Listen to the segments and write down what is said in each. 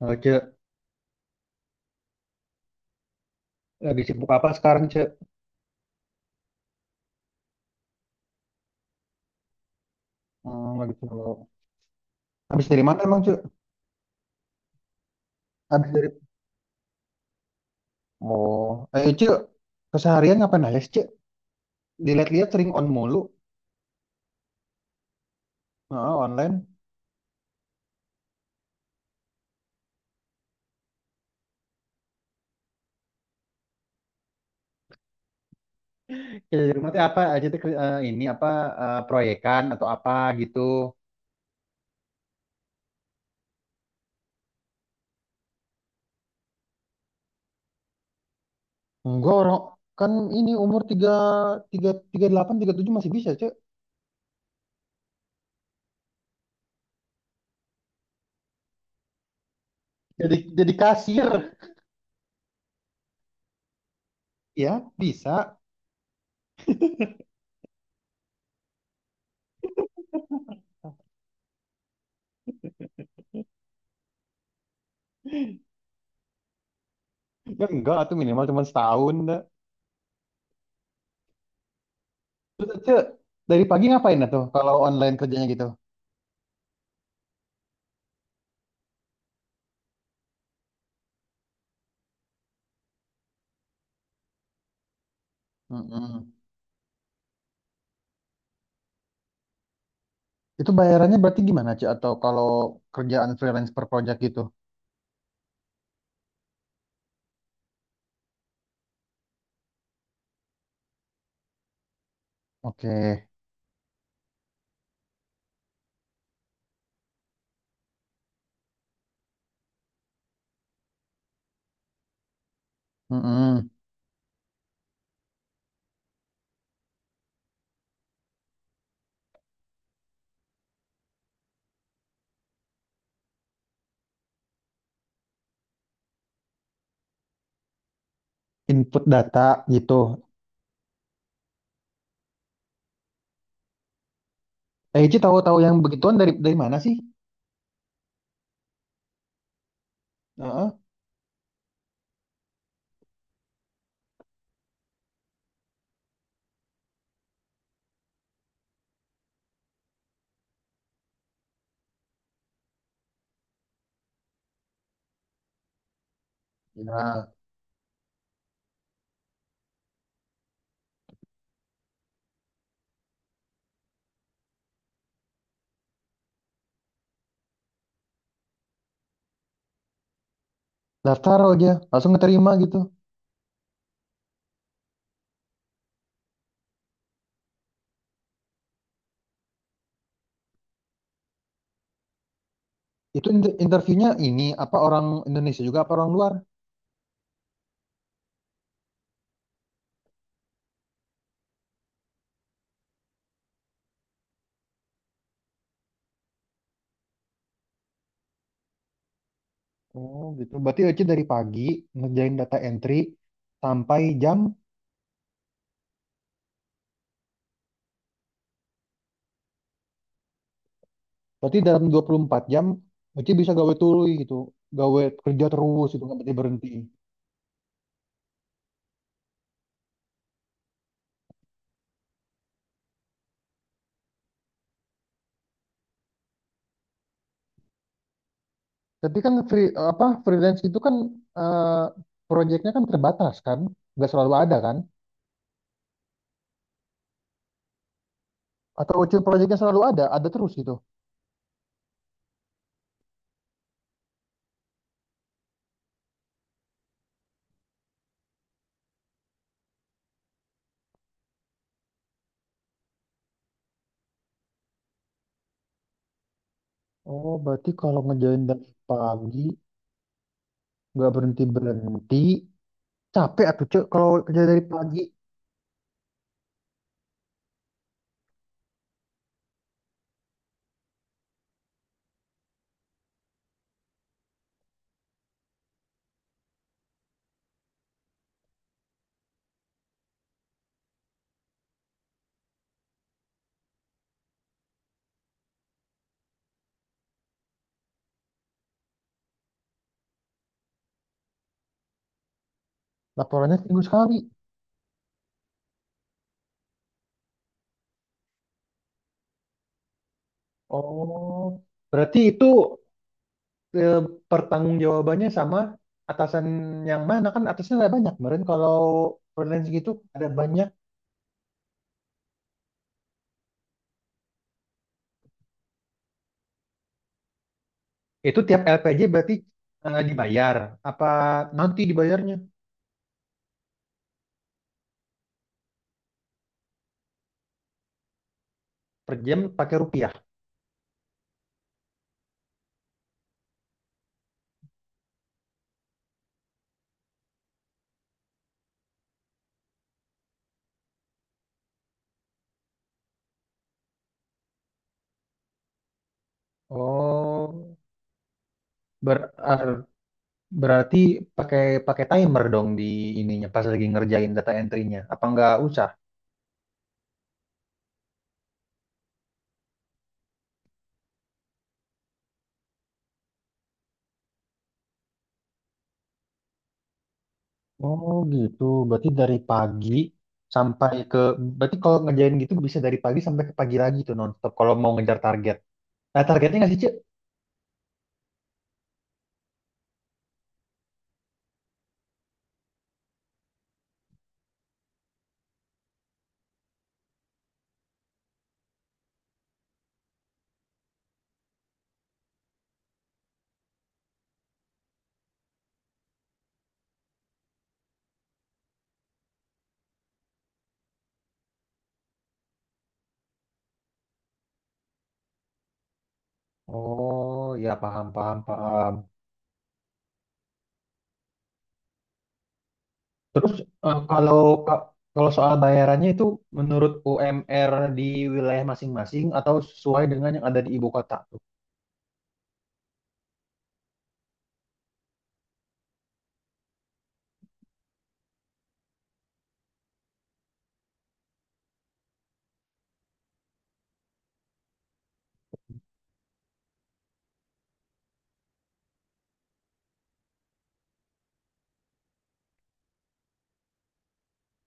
Oh, Cek, lagi sibuk apa sekarang, Cek? Hmm, lagi sibuk. Habis dari mana emang, Cek? Habis dari... Oh, Cek, keseharian ngapain aja, sih, Cek? Dilihat-lihat sering on mulu. Heeh, online. Ya, di rumah tuh apa aja tuh, ini apa, proyekan atau apa gitu. Enggak, orang kan ini umur tiga tiga tiga delapan tiga tujuh masih bisa cek. Jadi kasir, ya, bisa. Ya, enggak, tuh minimal cuma setahun, dah. Terus, Cek, dari pagi ngapain, dah, tuh, kalau online kerjanya gitu? Mm-mm. Itu bayarannya berarti gimana, Ci? Atau kalau kerjaan freelance per project gitu? Oke. Mm-mm. Input data gitu. Eh, Ci tahu-tahu yang begituan dari mana sih? Heeh. Nah, daftar aja, langsung keterima gitu. Itu interviewnya ini apa orang Indonesia juga apa orang luar? Oh, gitu. Berarti Ci dari pagi ngerjain data entry sampai jam, berarti dalam 24 jam Ci bisa gawe tului gitu. Gawe kerja terus itu nggak berhenti-berhenti. Tapi kan freelance itu kan, eh, proyeknya kan terbatas kan, nggak selalu ada kan? Atau ujung proyeknya selalu ada terus gitu. Oh, berarti kalau ngerjain dari pagi nggak berhenti berhenti, capek atuh cek kalau kerja dari pagi. Laporannya seminggu sekali. Oh, berarti itu, eh, pertanggungjawabannya sama atasan yang mana, kan atasnya ada banyak kemarin kalau freelance gitu ada banyak. Itu tiap LPJ berarti dibayar. Apa nanti dibayarnya per jam pakai rupiah? Oh, ber- ar- berarti pakai pakai timer dong di ininya pas lagi ngerjain data entry-nya. Apa nggak usah? Oh, gitu. Berarti dari pagi sampai ke, berarti kalau ngerjain gitu bisa dari pagi sampai ke pagi lagi tuh nonstop kalau mau ngejar target. Nah, targetnya nggak sih, Cek? Oh, ya, paham paham paham. Terus, kalau kalau soal bayarannya itu menurut UMR di wilayah masing-masing atau sesuai dengan yang ada di ibu kota tuh?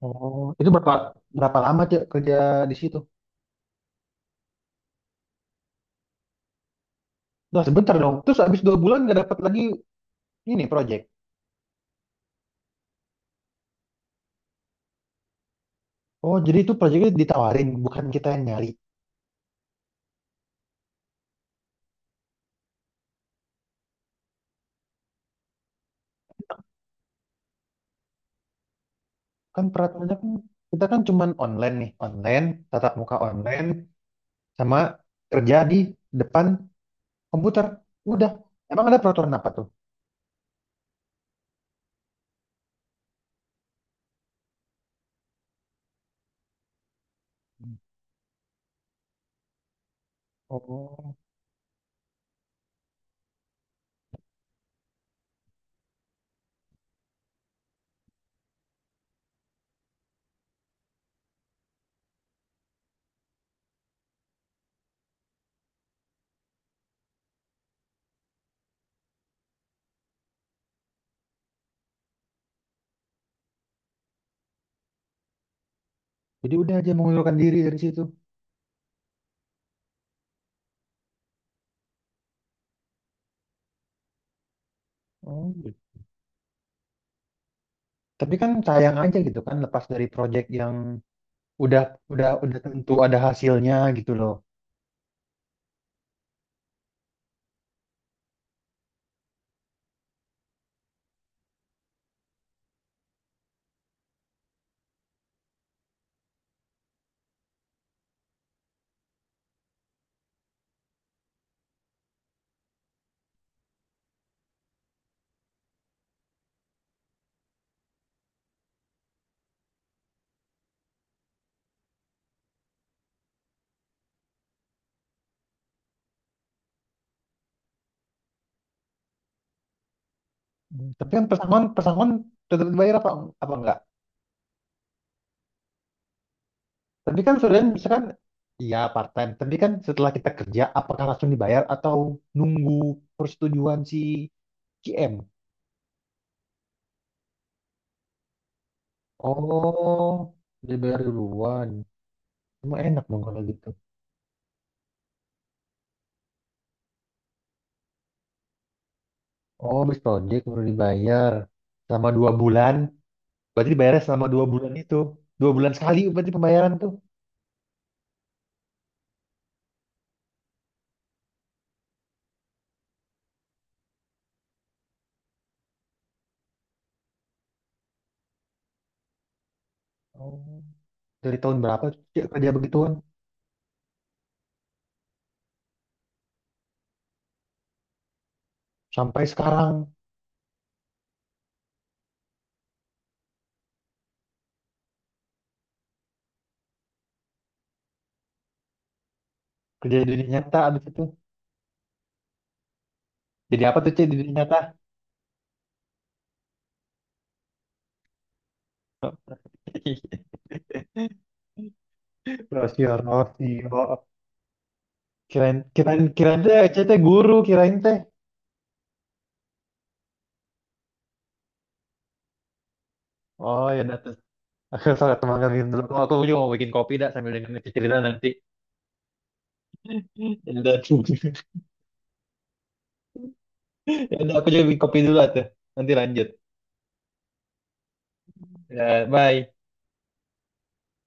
Oh, itu berapa berapa lama Cek, kerja di situ? Nah, sebentar dong. Terus habis 2 bulan nggak dapat lagi ini project. Oh, jadi itu projectnya ditawarin, bukan kita yang nyari. Kan peraturannya kan kita kan cuman online nih, online, tatap muka online, sama kerja di depan komputer. Udah. Emang ada peraturan apa tuh? Oh. Jadi udah aja mengundurkan diri dari situ. Oh, gitu. Tapi kan sayang aja gitu kan lepas dari project yang udah udah tentu ada hasilnya gitu loh. Hmm. Tapi kan pesangon pesangon tetap dibayar apa apa enggak? Tapi kan student misalkan iya part time, tapi kan setelah kita kerja apakah langsung dibayar atau nunggu persetujuan si GM? Oh, dibayar duluan. Cuma enak dong kalau gitu. Oh, habis project baru dibayar. Selama 2 bulan. Berarti dibayarnya selama 2 bulan itu. 2 bulan sekali berarti pembayaran tuh. Oh. Dari tahun berapa tuh Cik, kerja begituan? Sampai sekarang. Kerja di dunia nyata abis itu. Jadi apa tuh Cik di dunia nyata? Rosio, Rosio. Kirain teh Cik teh guru, kirain teh. Oh, ya udah tuh. Aku salah teman kalian dulu. Aku juga mau bikin kopi dah sambil dengerin Cik cerita nanti. Ya udah. Ya udah, aku juga bikin kopi dulu tuh. Nanti lanjut. Ya, bye.